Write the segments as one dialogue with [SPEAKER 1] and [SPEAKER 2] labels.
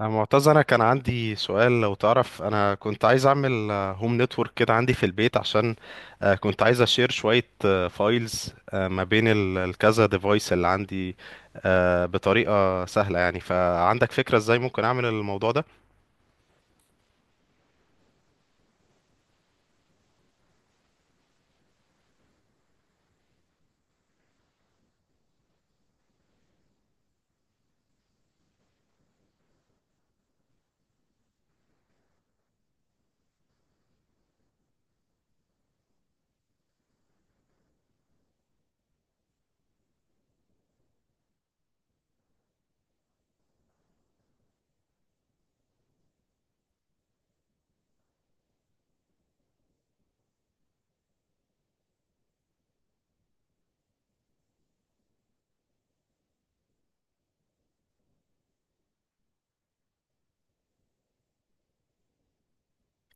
[SPEAKER 1] أنا معتز، أنا كان عندي سؤال لو تعرف. أنا كنت عايز أعمل هوم نتورك كده عندي في البيت عشان كنت عايز أشير شوية فايلز ما بين الكذا ديفايس اللي عندي، بطريقة سهلة. يعني فعندك فكرة إزاي ممكن أعمل الموضوع ده؟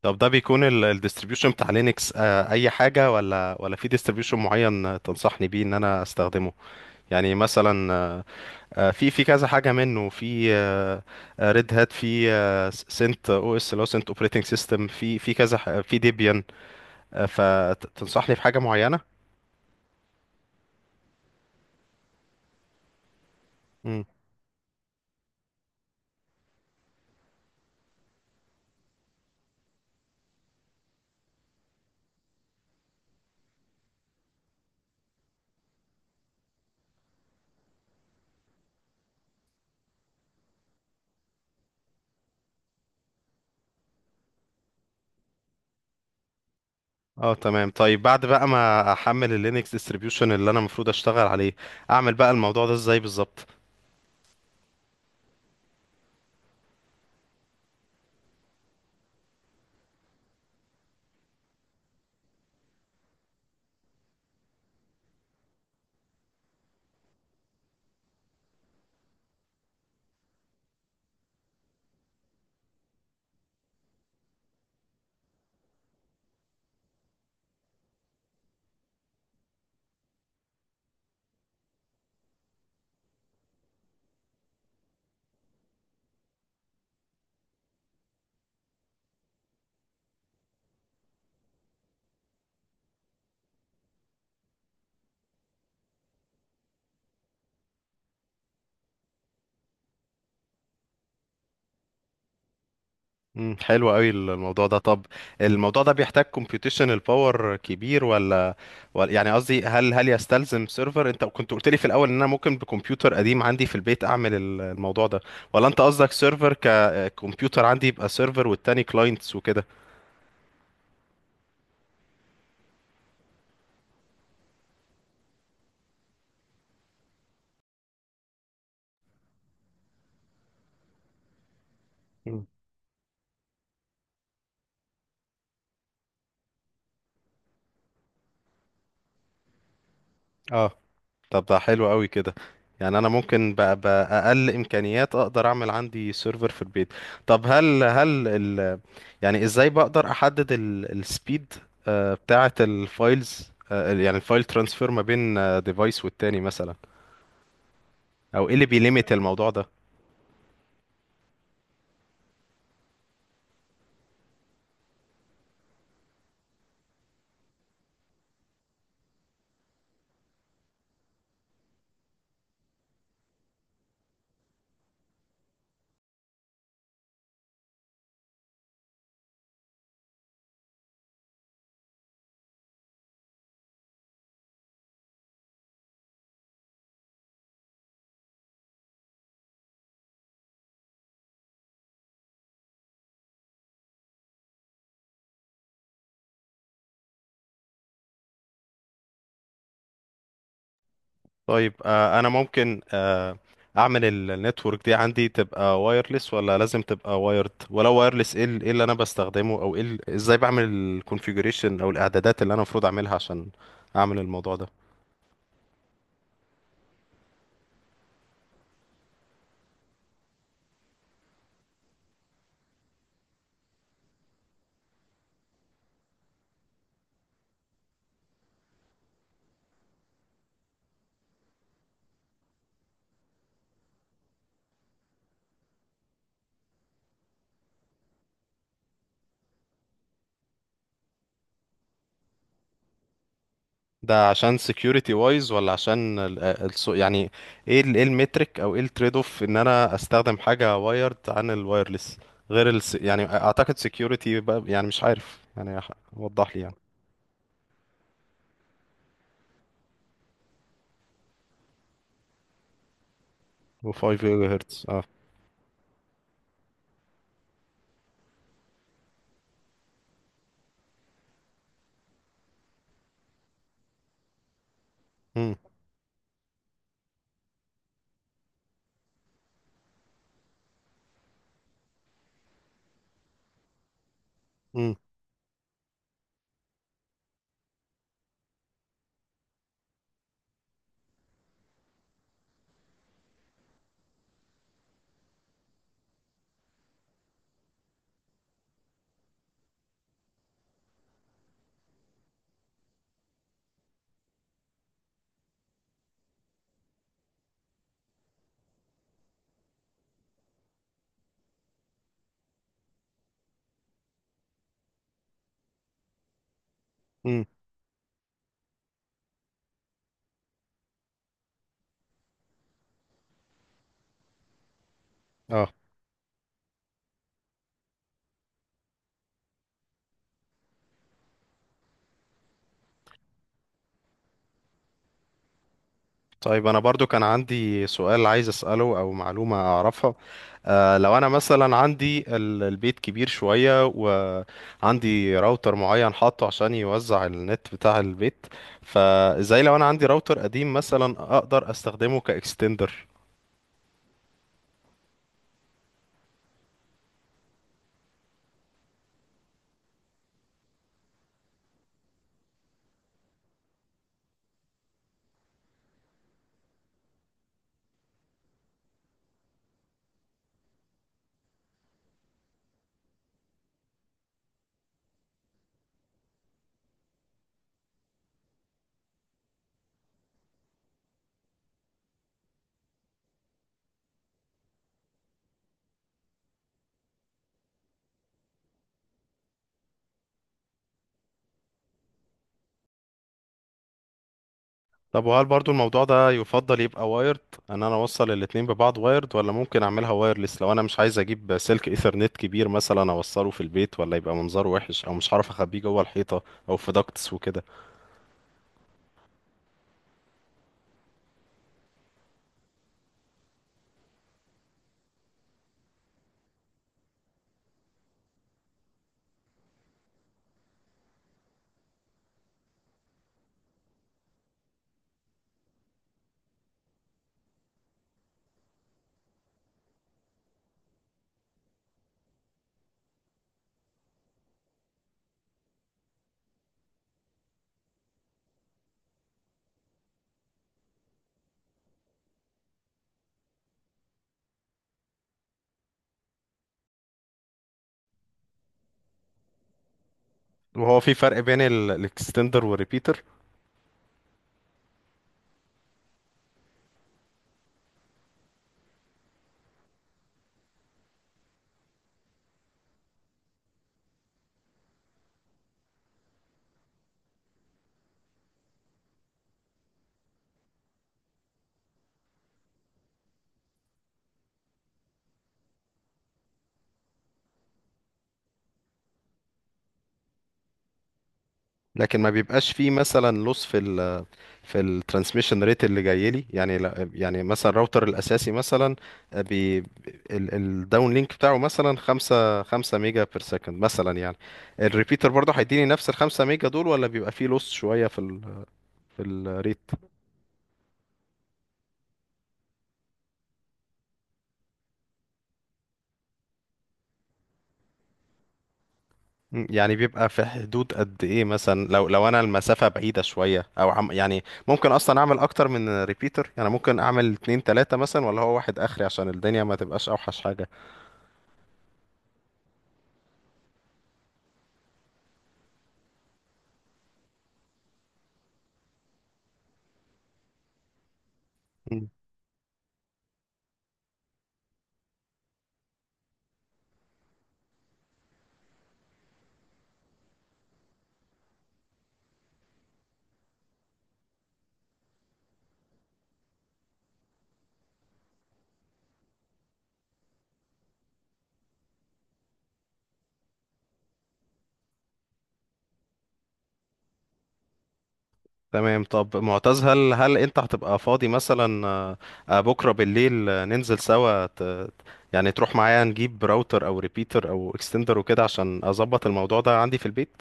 [SPEAKER 1] طب ده بيكون الديستريبيوشن بتاع لينكس أي حاجة ولا في ديستريبيوشن معين تنصحني بيه إن أنا أستخدمه؟ يعني مثلا، في كذا حاجه منه، في ريد هات، في سنت او اس اللي هو سنت اوبريتنج سيستم، في في ديبيان. فتنصحني في حاجه معينه؟ مم. اه تمام. طيب بعد بقى ما احمل اللينكس ديستريبيوشن اللي انا المفروض اشتغل عليه، اعمل بقى الموضوع ده ازاي بالظبط؟ مم، حلو قوي الموضوع ده. طب الموضوع ده بيحتاج computational power كبير ولا يعني قصدي، هل يستلزم سيرفر؟ انت كنت قلت لي في الاول ان انا ممكن بكمبيوتر قديم عندي في البيت اعمل الموضوع ده، ولا انت قصدك سيرفر ككمبيوتر عندي يبقى سيرفر والتاني كلاينتس وكده؟ مم. اه. طب ده حلو قوي كده. يعني انا ممكن باقل امكانيات اقدر اعمل عندي سيرفر في البيت. طب هل يعني ازاي بقدر احدد السبيد بتاعة الفايلز، يعني الفايل ترانسفير ما بين ديفايس والتاني مثلا؟ او ايه اللي بيليميت الموضوع ده؟ طيب انا ممكن اعمل النتورك دي عندي تبقى وايرلس ولا لازم تبقى وايرد؟ ولو وايرلس، ايه إيه اللي انا بستخدمه؟ او ايه ازاي بعمل الكونفيجريشن او الاعدادات اللي انا المفروض اعملها عشان اعمل الموضوع ده؟ ده عشان security وايز ولا عشان ال ال يعني ايه ايه المترك او ايه التريد اوف ان انا استخدم حاجة وايرد عن الوايرلس؟ غير ال، يعني اعتقد security بقى، يعني مش عارف، يعني وضح لي يعني. و5 جيجا هرتز، اه. امم. امم. امم. اه. طيب انا برضو كان عندي سؤال عايز اساله او معلومه اعرفها. آه، لو انا مثلا عندي البيت كبير شويه وعندي راوتر معين حاطه عشان يوزع النت بتاع البيت، فازاي لو انا عندي راوتر قديم مثلا اقدر استخدمه كاكستندر؟ طب وهل برضو الموضوع ده يفضل يبقى وايرد؟ ان انا اوصل الاتنين ببعض وايرد ولا ممكن اعملها وايرلس؟ لو انا مش عايز اجيب سلك ايثرنت كبير مثلا اوصله في البيت ولا يبقى منظره وحش، او مش هعرف اخبيه جوه الحيطه او في داكتس وكده. وهو في فرق بين الاكستندر والريبيتر؟ لكن ما بيبقاش فيه مثلا لوس في في الترانسميشن ريت اللي جاي لي؟ يعني يعني مثلا الراوتر الاساسي مثلا، بي الداون لينك بتاعه مثلا 5 5 ميجا بير سكند مثلا، يعني الريبيتر برضه هيديني نفس ال 5 ميجا دول ولا بيبقى فيه لوس شويه في في الريت؟ مم، يعني بيبقى في حدود قد ايه مثلا؟ لو انا المسافة بعيدة شوية او عم، يعني ممكن اصلا اعمل اكتر من ريبيتر؟ يعني ممكن اعمل اتنين تلاتة مثلا ولا هو واحد اخري عشان الدنيا ما تبقاش اوحش حاجة؟ مم. تمام. طب معتز، هل انت هتبقى فاضي مثلا، بكرة بالليل؟ ننزل سوا يعني تروح معايا نجيب راوتر او ريبيتر او اكستندر وكده عشان اظبط الموضوع ده عندي في البيت؟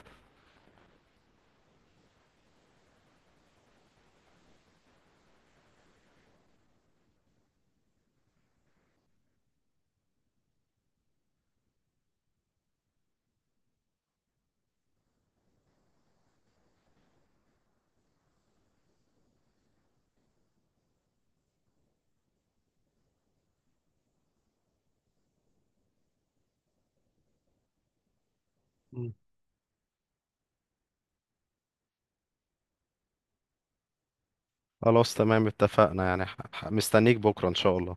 [SPEAKER 1] مم. خلاص، تمام، اتفقنا. يعني مستنيك بكرة ان شاء الله.